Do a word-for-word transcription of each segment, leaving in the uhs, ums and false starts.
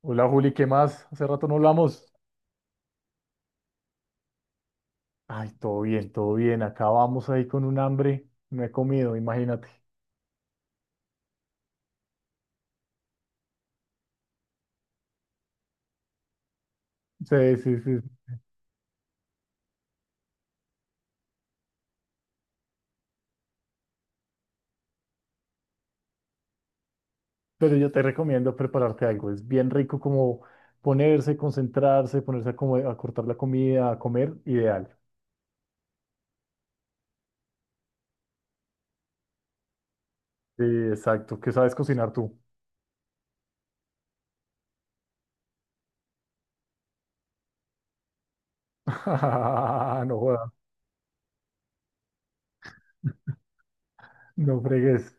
Hola Juli, ¿qué más? Hace rato no hablamos. Ay, todo bien, todo bien. Acá vamos ahí con un hambre. No he comido, imagínate. Sí, sí, sí. Pero yo te recomiendo prepararte algo. Es bien rico como ponerse, concentrarse, ponerse a, comer- a cortar la comida, a comer, ideal. Sí, exacto. ¿Qué sabes cocinar tú? No jodas, no fregues.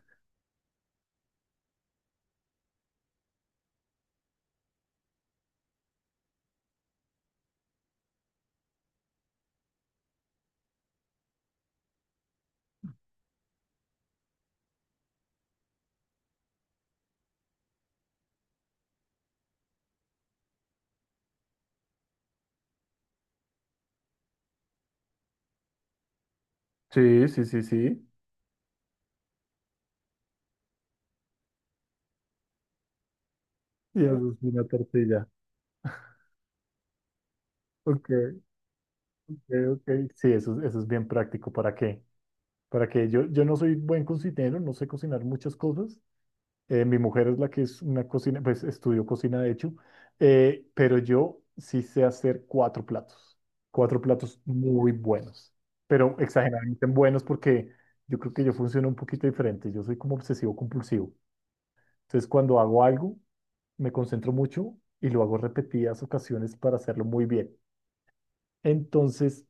Sí, sí, sí, sí. Y eso es una tortilla. Ok, ok, ok. Sí, eso, es- eso es bien práctico. ¿Para qué? Para que yo, yo no soy buen cocinero, no sé cocinar muchas cosas. Eh, mi mujer es la que es una cocina, pues estudió cocina de hecho. Eh, pero yo sí sé hacer cuatro platos, cuatro platos muy buenos, pero exageradamente buenos porque yo creo que yo funciono un poquito diferente, yo soy como obsesivo compulsivo. Entonces cuando hago algo, me concentro mucho y lo hago repetidas ocasiones para hacerlo muy bien. Entonces.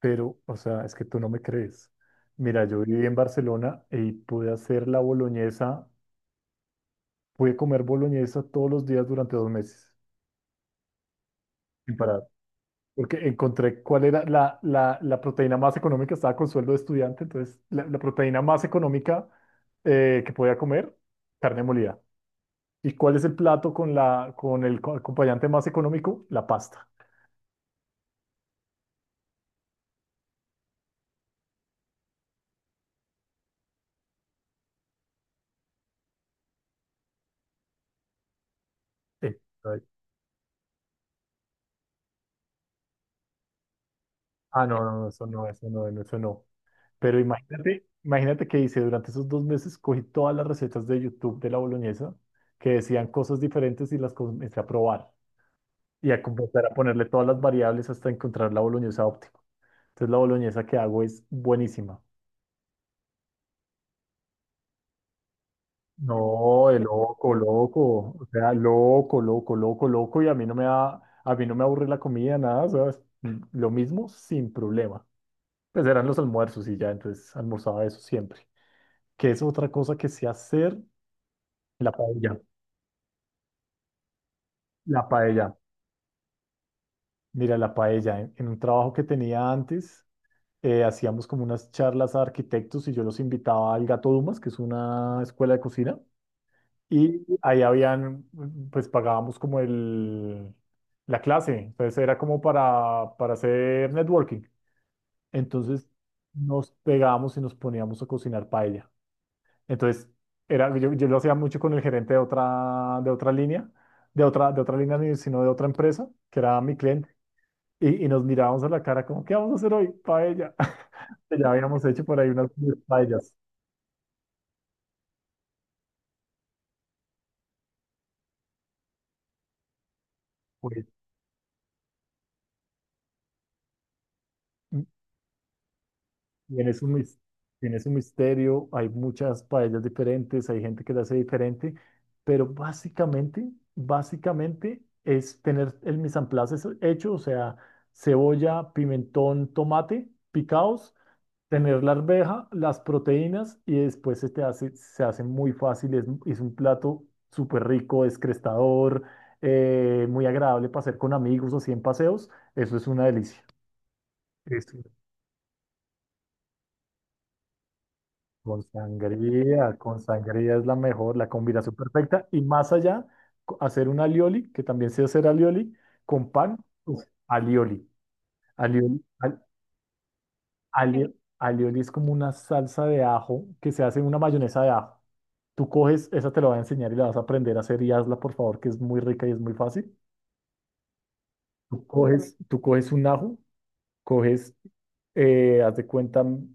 Pero, o sea, es que tú no me crees. Mira, yo viví en Barcelona y pude hacer la boloñesa, pude comer boloñesa todos los días durante dos meses, sin parar, porque encontré cuál era la, la, la proteína más económica, estaba con sueldo de estudiante, entonces la, la proteína más económica, eh, que podía comer, carne molida. ¿Y cuál es el plato con, la, con el co- acompañante más económico? La pasta. Eh, ay, Ah, no, no, no, eso no, eso no, no, eso no. Pero imagínate, imagínate que hice durante esos dos meses, cogí todas las recetas de YouTube de la boloñesa que decían cosas diferentes y las comencé a probar y a comenzar a ponerle todas las variables hasta encontrar la boloñesa óptima. Entonces la boloñesa que hago es buenísima. No, de loco, loco, o sea, loco, loco, loco, loco y a mí no me da, a mí no me aburre la comida, nada, ¿sabes? Mm, Lo mismo sin problema. Pues eran los almuerzos y ya, entonces almorzaba eso siempre. Que es otra cosa que sé hacer, la paella. La paella, mira, la paella. En, en un trabajo que tenía antes, eh, hacíamos como unas charlas a arquitectos y yo los invitaba al Gato Dumas, que es una escuela de cocina, y ahí habían, pues pagábamos como el, la clase, entonces era como para, para, hacer networking. Entonces nos pegábamos y nos poníamos a cocinar paella. Entonces, era, yo, yo lo hacía mucho con el gerente de otra, de otra línea, de otra, de otra línea, sino de otra empresa, que era mi cliente. Y, y nos mirábamos a la cara como, ¿qué vamos a hacer hoy? Paella. Ya habíamos hecho por ahí unas paellas. Pues, mm, tiene su, mis- tiene su misterio, hay muchas paellas diferentes, hay gente que la hace diferente, pero básicamente, básicamente es tener el mise en place hecho, o sea, cebolla, pimentón, tomate picados, tener la arveja, las proteínas y después se te hace, se hace muy fácil. Es, es un plato súper rico, descrestador, eh, muy agradable para hacer con amigos o cien paseos. Eso es una delicia. Eso. Con sangría, con sangría es la mejor, la combinación perfecta. Y más allá, co- hacer un alioli, que también sé hacer alioli, con pan, uf, alioli. Alioli, al- alio- alioli es como una salsa de ajo que se hace en una mayonesa de ajo. Tú coges, esa te la va a enseñar y la vas a aprender a hacer y hazla, por favor, que es muy rica y es muy fácil. Tú coges, tú coges un ajo, coges, eh, haz de cuenta, mm,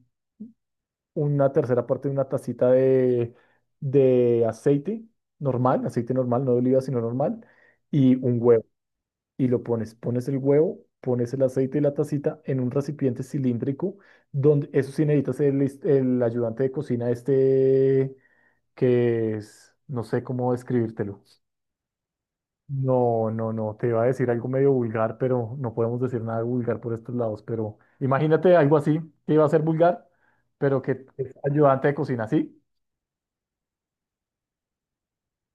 una tercera parte de una tacita de, de aceite normal, aceite normal, no de oliva, sino normal, y un huevo. Y lo pones, pones el huevo, pones el aceite y la tacita en un recipiente cilíndrico, donde eso sí necesitas el, est- el ayudante de cocina este, que es, no sé cómo describírtelo. No, no, no, te iba a decir algo medio vulgar, pero no podemos decir nada vulgar por estos lados. Pero imagínate algo así, que iba a ser vulgar, pero que es ayudante de cocina, ¿sí?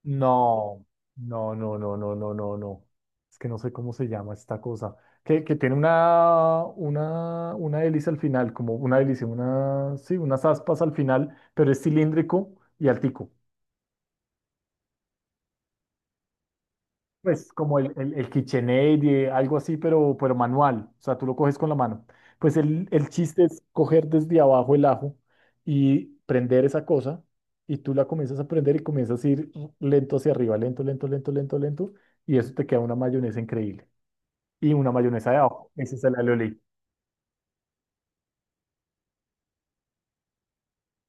No, no, no, no, no, no, no, no. Es que no sé cómo se llama esta cosa. Que, que tiene una, una, una hélice al final, como una hélice, una, sí, unas aspas al final, pero es cilíndrico y altico. Pues como el, el, el KitchenAid, eh, algo así, pero, pero manual. O sea, tú lo coges con la mano. Pues el, el chiste es coger desde abajo el ajo y prender esa cosa. Y tú la comienzas a prender y comienzas a ir lento hacia arriba, lento, lento, lento, lento, lento. Y eso te queda una mayonesa increíble. Y una mayonesa de ajo. Ese es el alioli.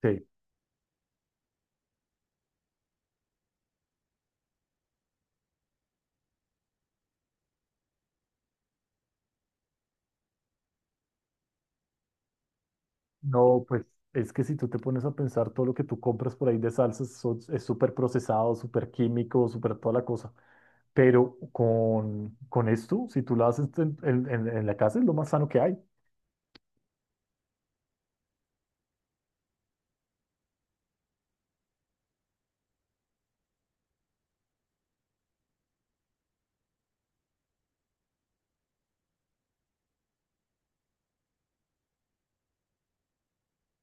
Sí. No, pues es que si tú te pones a pensar todo lo que tú compras por ahí de salsas son- es súper procesado, súper químico, súper toda la cosa. Pero con, con esto, si tú lo haces en, en- en- en la casa, es lo más sano que hay.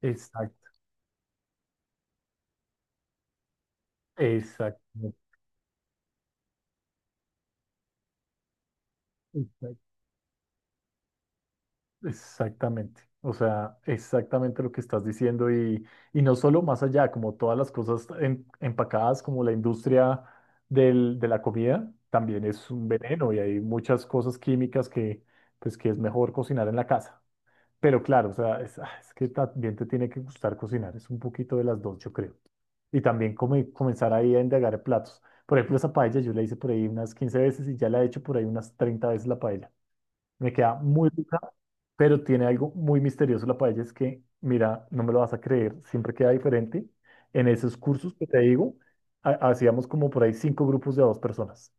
Exacto, exactamente, exact- exactamente. O sea, exactamente lo que estás diciendo, y, y no solo más allá, como todas las cosas en- empacadas, como la industria del- de la comida, también es un veneno y hay muchas cosas químicas que, pues, que es mejor cocinar en la casa. Pero claro, o sea, es, ah, es que también te tiene que gustar cocinar, es un poquito de las dos, yo creo. Y también come- comenzar ahí a indagar en platos. Por ejemplo, esa paella yo la hice por ahí unas quince veces y ya la he hecho por ahí unas treinta veces la paella. Me queda muy rica, pero tiene algo muy misterioso la paella, es que, mira, no me lo vas a creer, siempre queda diferente. En esos cursos que te digo, ha- hacíamos como por ahí cinco grupos de a dos personas.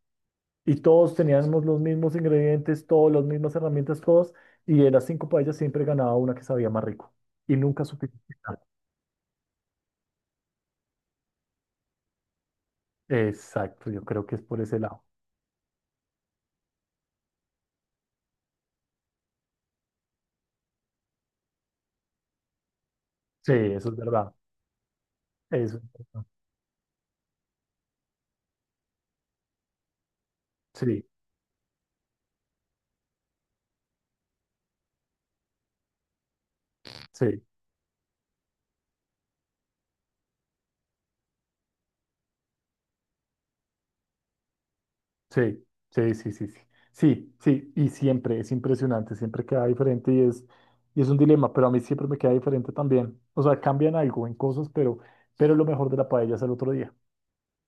Y todos teníamos los mismos ingredientes, todas las mismas herramientas, todos. Y de las cinco paellas siempre ganaba una que sabía más rico. Y nunca supe qué era. Exacto, yo creo que es por ese lado. Sí, eso es verdad. Eso es verdad. Sí, sí, sí, sí, sí, sí, sí. Sí, sí, y siempre es impresionante, siempre queda diferente y es, y es un dilema, pero a mí siempre me queda diferente también. O sea, cambian algo en cosas, pero, pero, lo mejor de la paella es el otro día.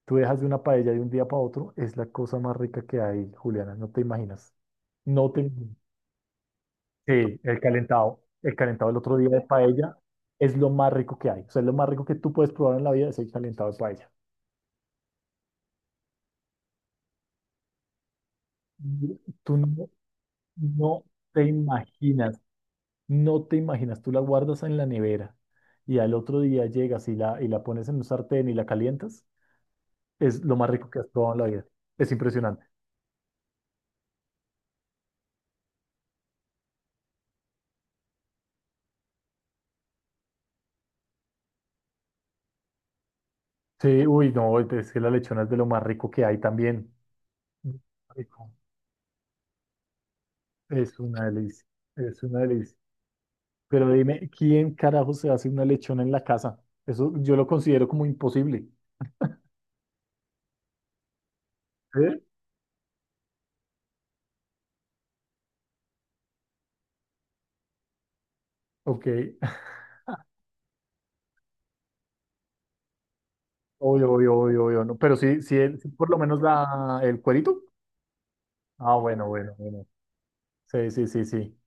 Tú dejas de una paella de un día para otro, es la cosa más rica que hay, Juliana, no te imaginas. No te imaginas. Sí, el calentado, el calentado el otro día de paella es lo más rico que hay. O sea, es lo más rico que tú puedes probar en la vida es el calentado de paella. Yo- Tú no, no te imaginas, no te imaginas, tú la guardas en la nevera y al otro día llegas y la, y la pones en un sartén y la calientas, es lo más rico que has probado en la vida. Es impresionante. Sí, uy, no, es que la lechona es de lo más rico que hay también. Rico. Es una delicia, es una delicia. Pero dime, ¿quién carajo se hace una lechona en la casa? Eso yo lo considero como imposible. ¿Eh? Ok, obvio, obvio, obvio, obvio, no. Pero sí, sí, el- sí, por lo menos la, el cuerito. Ah, bueno, bueno, bueno. Sí, sí, sí, sí.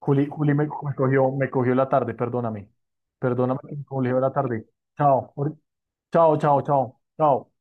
Juli, Juli, me, me cogió, me cogió la tarde, perdóname. Perdóname que me cogió la tarde. Chao, ahori- chao, chao, chao, chao.